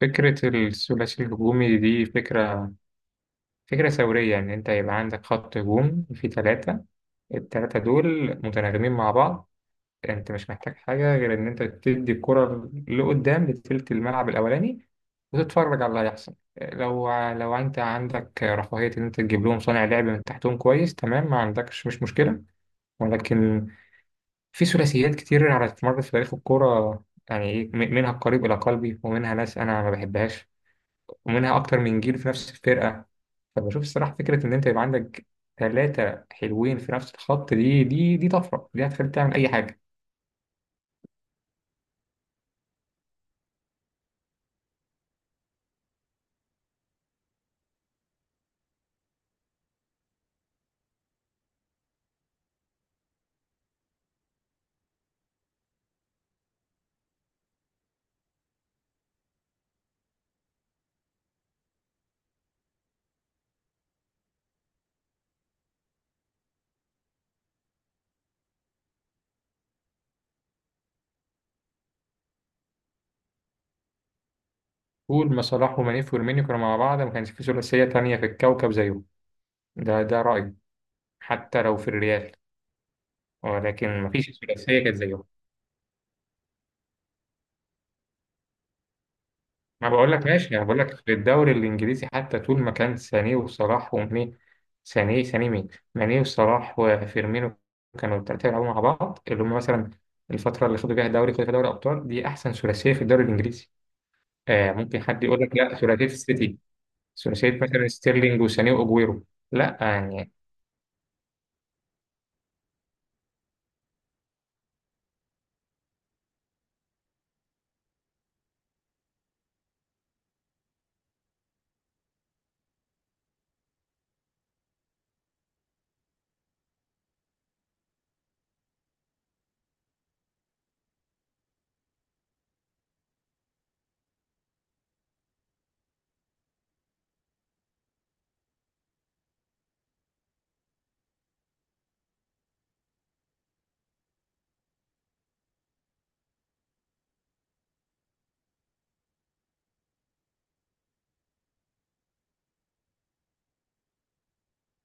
فكرة الثلاثي الهجومي دي فكرة ثورية. يعني أنت يبقى عندك خط هجوم فيه ثلاثة، التلاتة دول متناغمين مع بعض. أنت مش محتاج حاجة غير إن أنت تدي الكرة لقدام لتلت الملعب الأولاني وتتفرج على اللي هيحصل. لو أنت عندك رفاهية إن أنت تجيب لهم صانع لعب من تحتهم كويس، تمام، ما عندكش مش مشكلة. ولكن في ثلاثيات كتير على مر في تاريخ الكرة، يعني إيه، منها القريب إلى قلبي ومنها ناس أنا ما بحبهاش، ومنها أكتر من جيل في نفس الفرقة. فبشوف الصراحة فكرة إن أنت يبقى عندك ثلاثة حلوين في نفس الخط دي طفرة، دي هتخليك تعمل أي حاجة. طول ما صلاح ومانيف ويرمينيو كانوا مع بعض ما كانش في ثلاثية تانية في الكوكب زيهم. ده رأيي، حتى لو في الريال، ولكن ما فيش ثلاثية كانت زيهم. ما بقول لك ماشي، انا بقول لك في الدوري الانجليزي، حتى طول ما كان سانيه وصلاح وماني. سانيه، سانيه مين؟ ماني وصلاح وفيرمينو، كانوا الثلاثه بيلعبوا مع بعض اللي هم مثلا الفتره اللي خدوا فيها الدوري، خدوا فيها دوري ابطال، دي احسن ثلاثيه في الدوري الانجليزي. آه، ممكن حد يقول لك لا، ثلاثيه السيتي، ثلاثيه مثلا ستيرلينج وسانيه واجويرو. لا يعني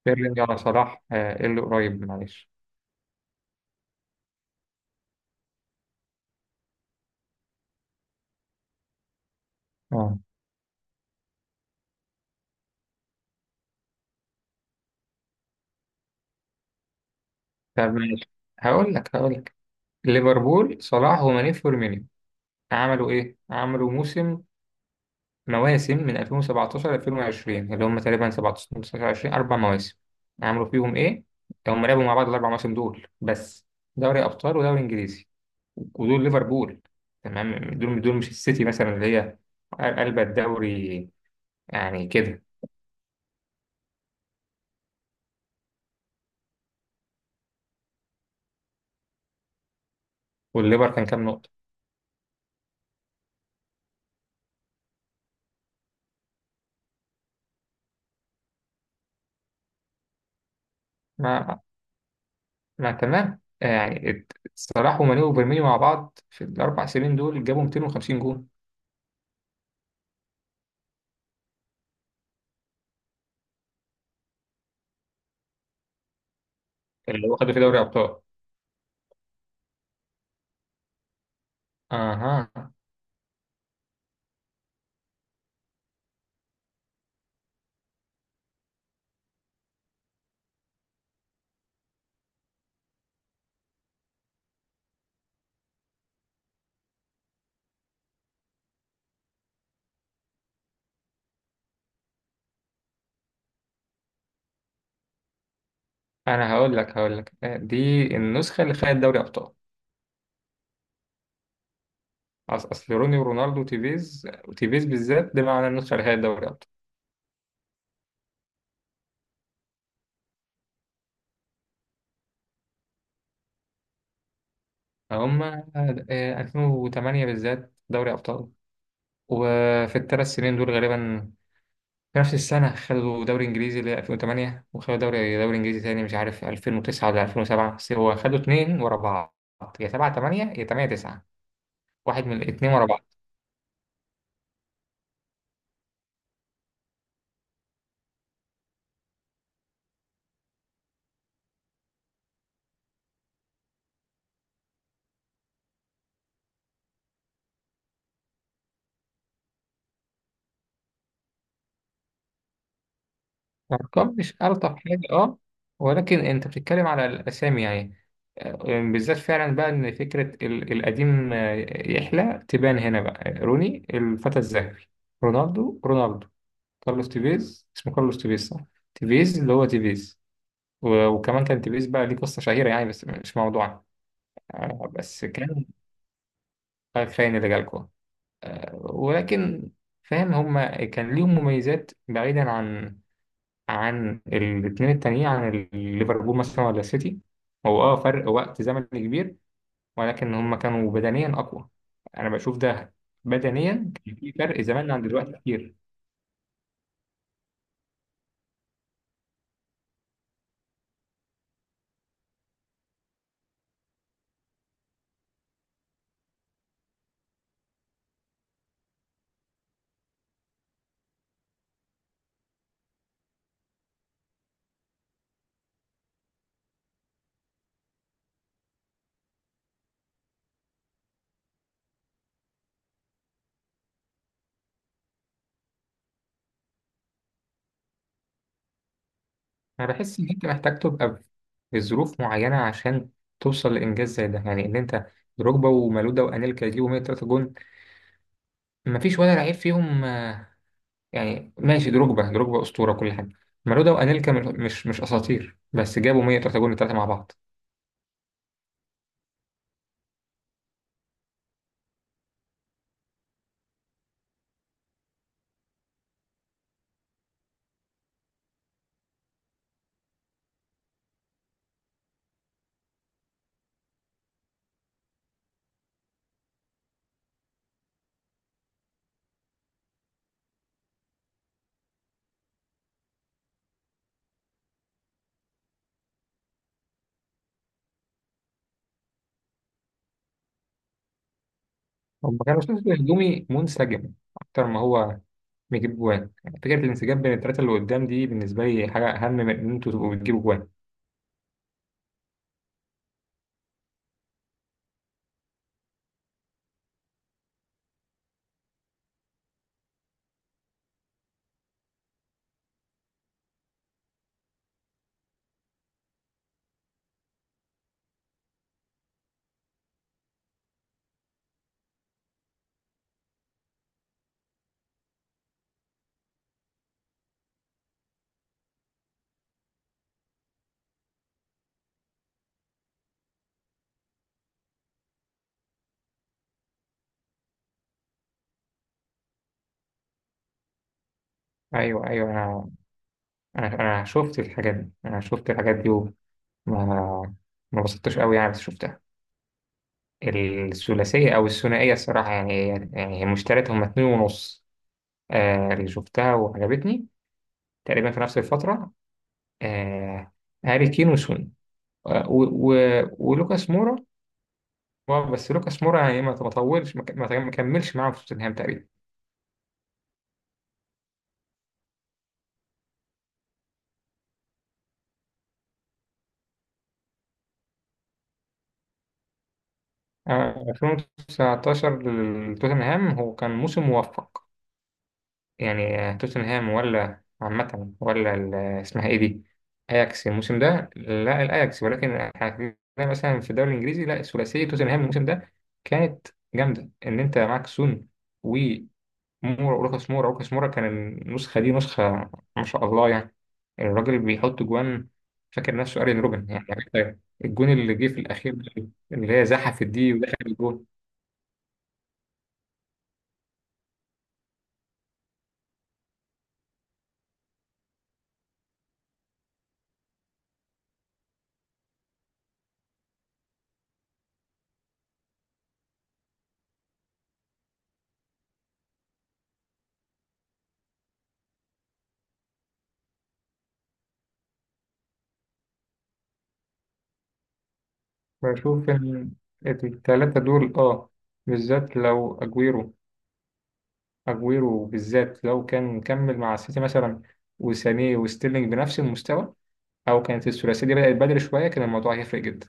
ستيرلينج على صلاح، آه إيه اللي قريب معلش. اه. طب ماشي، هقول لك هقول لك، ليفربول صلاح وماني فيرمينو عملوا ايه؟ عملوا موسم، مواسم من 2017 ل 2020، اللي هم تقريبا 17 19 20، اربع مواسم. عملوا فيهم ايه؟ هم لعبوا مع بعض الاربع مواسم دول بس، دوري ابطال ودوري انجليزي، ودول ليفربول. تمام، دول مش السيتي مثلا اللي هي قلب الدوري يعني كده. والليفر كان كام نقطة؟ ما ما تمام يعني صلاح وماني وفيرمينيو مع بعض في الاربع سنين دول جابوا 250 جون. اللي هو خدوا في دوري ابطال. اها. انا هقول لك هقول لك، دي النسخه اللي خدت دوري ابطال. اصل روني ورونالدو وتيفيز، وتيفيز بالذات، ده معنى النسخه اللي خدت دوري ابطال. هم 2008 بالذات دوري ابطال، وفي الثلاث سنين دول غالبا في نفس السنه خدوا دوري انجليزي اللي هي 2008، وخدوا دوري انجليزي تاني، مش عارف 2009 ولا 2007، بس هو خدوا اتنين ورا بعض، يا 7 8 يا 8 9، واحد من الاتنين ورا بعض. الأرقام مش ألطف حاجة، أه، ولكن أنت بتتكلم على الأسامي يعني. يعني بالذات فعلا بقى إن فكرة القديم، يحلى تبان هنا بقى. روني الفتى الذهبي، رونالدو، كارلوس تيفيز، اسمه كارلوس تيفيز صح؟ تيفيز اللي هو تيفيز. وكمان كان تيفيز بقى ليه قصة شهيرة يعني، بس مش موضوعنا. بس كان خاين اللي جالكوا. ولكن فاهم، هما كان ليهم مميزات بعيدا عن عن الاثنين التانيين، عن ليفربول مثلا ولا سيتي. هو اه فرق وقت زمني كبير، ولكن هم كانوا بدنيا اقوى، انا بشوف ده، بدنيا كان في فرق زمان عن دلوقتي كتير. انا بحس ان انت محتاج تبقى في ظروف معينه عشان توصل لانجاز زي ده، يعني ان انت دروجبا ومالودا وانيلكا يجيبوا 103 جون، مفيش ولا لعيب فيهم، يعني ماشي، دروجبا اسطوره كل حاجه، مالودا وانيلكا مش اساطير، بس جابوا 103 جون الثلاثه مع بعض. هم كانوا شكل هجومي منسجم أكتر ما هو بيجيب جوان، يعني فكرة الانسجام بين التلاتة اللي قدام دي بالنسبة لي حاجة أهم من إن أنتوا تبقوا بتجيبوا جوان. أيوه، أنا شفت الحاجات دي، أنا شفت الحاجات دي وما ما بسطتش قوي يعني، بس شفتها. الثلاثية أو الثنائية الصراحة يعني، يعني هي مش تلاتة هما اتنين ونص. آه، اللي شفتها وعجبتني تقريبا في نفس الفترة، آه، هاري كين وسون، آه ولوكاس مورا. اه بس لوكاس مورا يعني ما طولش، ما ك- ما ما كملش معاهم في توتنهام تقريبا. 2019 لتوتنهام هو كان موسم موفق يعني، آه، توتنهام ولا عامة ولا اسمها ايه دي، اياكس الموسم ده لا الاياكس، ولكن احنا اتكلمنا مثلا في الدوري الانجليزي، لا ثلاثية توتنهام الموسم ده كانت جامدة، ان انت معاك سون، مورا، وروكاس مورا. روكاس مورا كان النسخة دي نسخة ما شاء الله يعني، الراجل اللي بيحط جوان فاكر نفسه ارين روبن يعني، حتى الجون اللي جه في الأخير ده اللي هي زحفت دي ودخل الجون. بشوف إن التلاتة دول اه بالذات لو أجويرو، أجويرو بالذات لو كان كمل مع السيتي مثلا، وسانيه وستيرلينج بنفس المستوى، أو كانت الثلاثية دي بدأت بدري شوية، كان الموضوع هيفرق جدا.